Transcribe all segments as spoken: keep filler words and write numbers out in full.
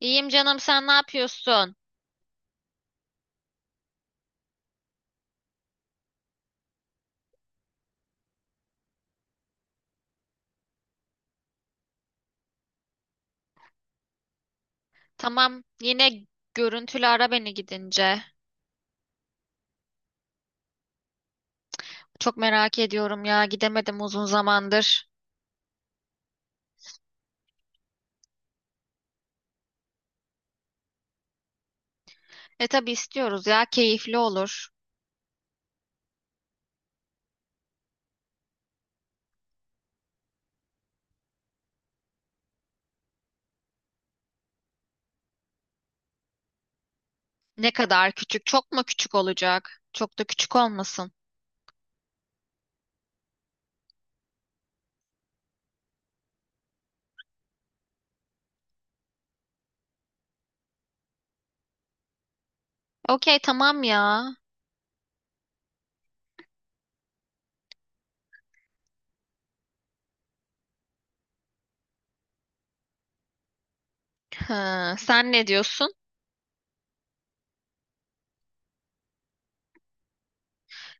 İyiyim canım, sen ne yapıyorsun? Tamam, yine görüntülü ara beni gidince. Çok merak ediyorum ya, gidemedim uzun zamandır. E tabii istiyoruz ya, keyifli olur. Ne kadar küçük, çok mu küçük olacak? Çok da küçük olmasın. Okey, tamam ya. Hı, sen ne diyorsun?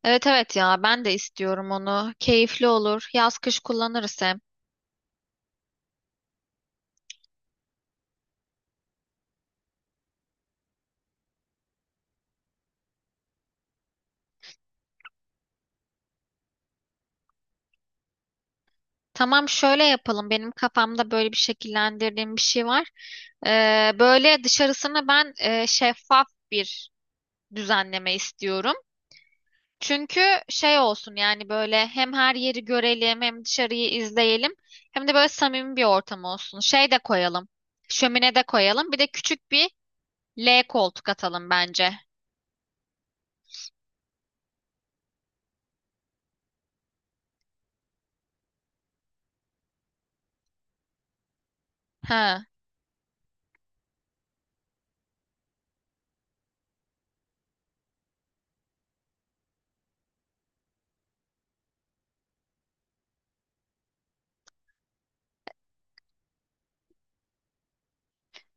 Evet evet ya, ben de istiyorum onu. Keyifli olur. Yaz kış kullanırız hem. Tamam, şöyle yapalım. Benim kafamda böyle bir şekillendirdiğim bir şey var. Ee, böyle dışarısını ben e, şeffaf bir düzenleme istiyorum. Çünkü şey olsun yani, böyle hem her yeri görelim, hem dışarıyı izleyelim, hem de böyle samimi bir ortam olsun. Şey de koyalım. Şömine de koyalım. Bir de küçük bir L koltuk atalım bence. Ha,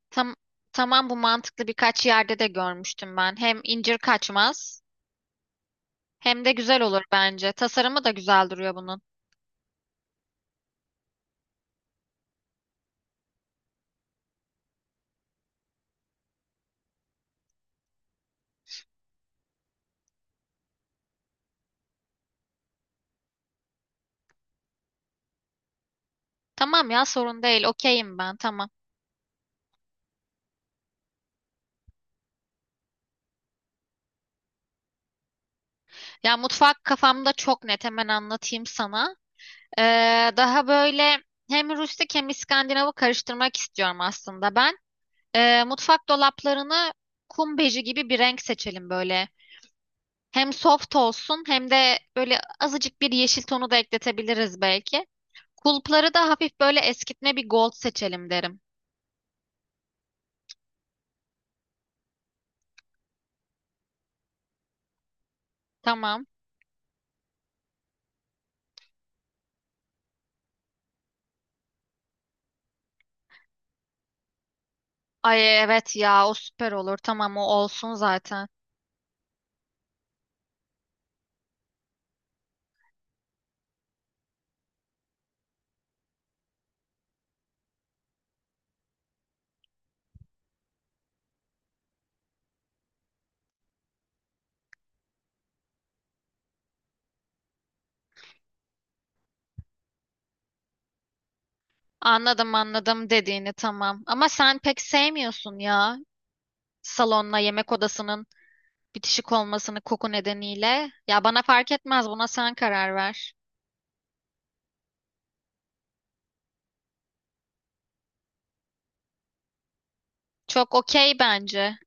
tam, tamam, bu mantıklı, birkaç yerde de görmüştüm ben. Hem incir kaçmaz. Hem de güzel olur bence. Tasarımı da güzel duruyor bunun. Tamam ya, sorun değil. Okeyim ben, tamam. Ya mutfak kafamda çok net, hemen anlatayım sana. Ee, daha böyle hem rustik hem İskandinav'ı karıştırmak istiyorum aslında ben. Ee, mutfak dolaplarını kum beji gibi bir renk seçelim böyle. Hem soft olsun, hem de böyle azıcık bir yeşil tonu da ekletebiliriz belki. Kulpları da hafif böyle eskitme bir gold seçelim derim. Tamam. Ay evet ya, o süper olur. Tamam, o olsun zaten. Anladım anladım dediğini, tamam. Ama sen pek sevmiyorsun ya, salonla yemek odasının bitişik olmasını, koku nedeniyle. Ya bana fark etmez, buna sen karar ver. Çok okey bence.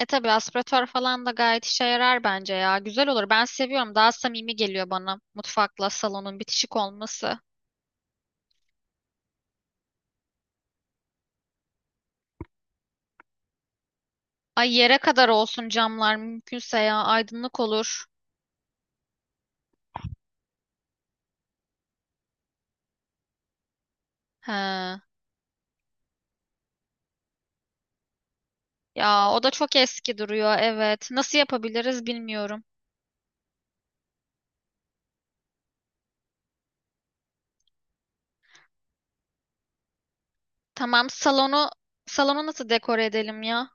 E tabii, aspiratör falan da gayet işe yarar bence ya. Güzel olur. Ben seviyorum. Daha samimi geliyor bana mutfakla salonun bitişik olması. Ay, yere kadar olsun camlar mümkünse ya, aydınlık olur. He. Ya o da çok eski duruyor, evet. Nasıl yapabiliriz bilmiyorum. Tamam, salonu salonu nasıl dekore edelim ya?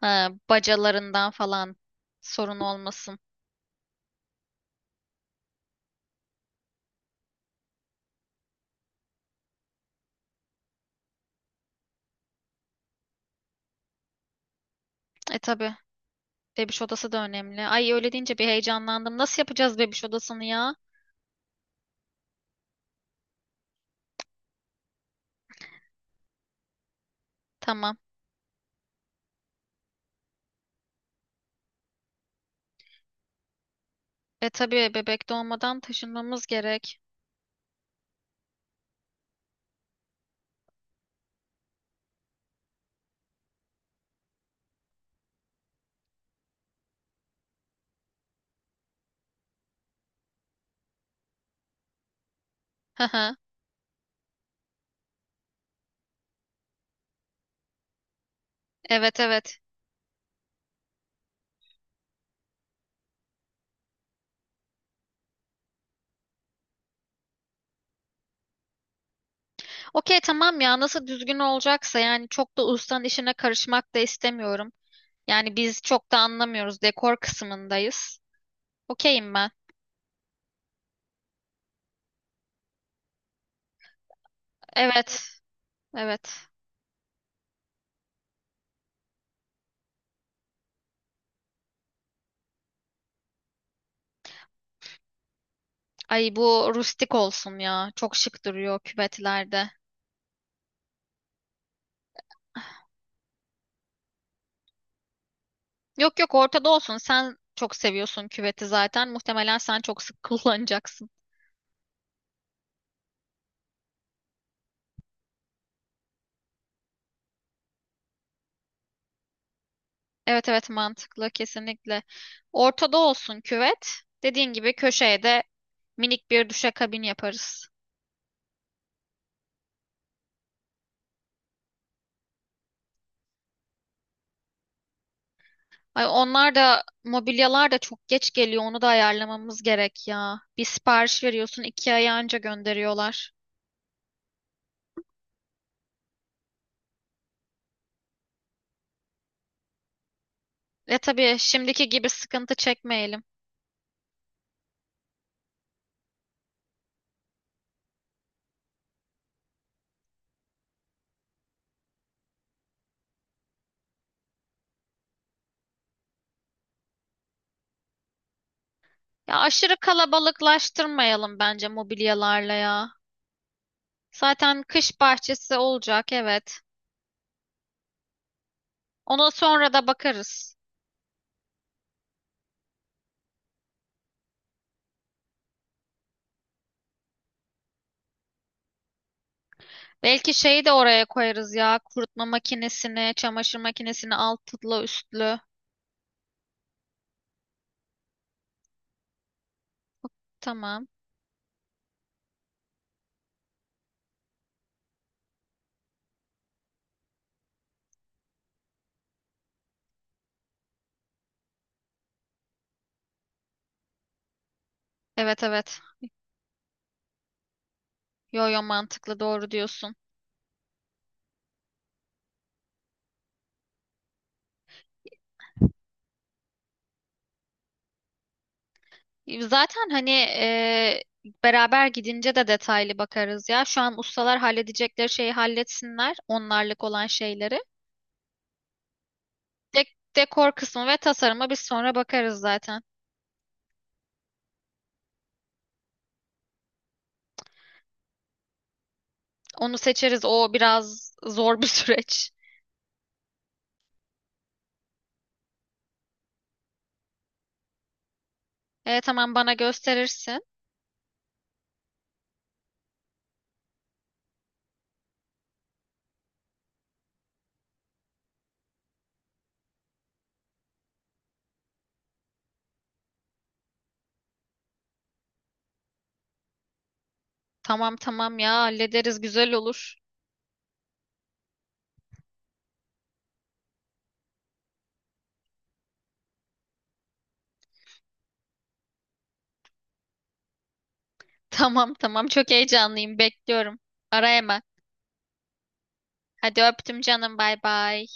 Ha, bacalarından falan sorun olmasın. E tabii, bebiş odası da önemli. Ay, öyle deyince bir heyecanlandım. Nasıl yapacağız bebiş odasını ya? Tamam. E tabii, bebek doğmadan taşınmamız gerek. Hı hı. Evet evet. Okey tamam ya, nasıl düzgün olacaksa, yani çok da ustanın işine karışmak da istemiyorum. Yani biz çok da anlamıyoruz, dekor kısmındayız. Okeyim ben. Evet, evet. Ay, bu rustik olsun ya. Çok şık duruyor küvetlerde. Yok yok, ortada olsun. Sen çok seviyorsun küveti zaten. Muhtemelen sen çok sık kullanacaksın. Evet evet, mantıklı kesinlikle. Ortada olsun küvet. Dediğin gibi köşeye de minik bir duşakabin yaparız. Ay, onlar da mobilyalar da çok geç geliyor. Onu da ayarlamamız gerek ya. Bir sipariş veriyorsun, iki ay anca gönderiyorlar. Ve tabii, şimdiki gibi sıkıntı çekmeyelim. Ya aşırı kalabalıklaştırmayalım bence mobilyalarla ya. Zaten kış bahçesi olacak, evet. Ona sonra da bakarız. Belki şeyi de oraya koyarız ya. Kurutma makinesini, çamaşır makinesini altlı üstlü. Tamam. Evet evet. Yo yo, mantıklı, doğru diyorsun. Zaten hani e, beraber gidince de detaylı bakarız ya. Şu an ustalar halledecekleri şeyi halletsinler. Onlarlık olan şeyleri. Dek- dekor kısmı ve tasarıma biz sonra bakarız zaten. Onu seçeriz. O biraz zor bir süreç. E tamam, bana gösterirsin. Tamam tamam ya, hallederiz, güzel olur. Tamam tamam, çok heyecanlıyım, bekliyorum. Ara hemen. Hadi öptüm canım, bay bay.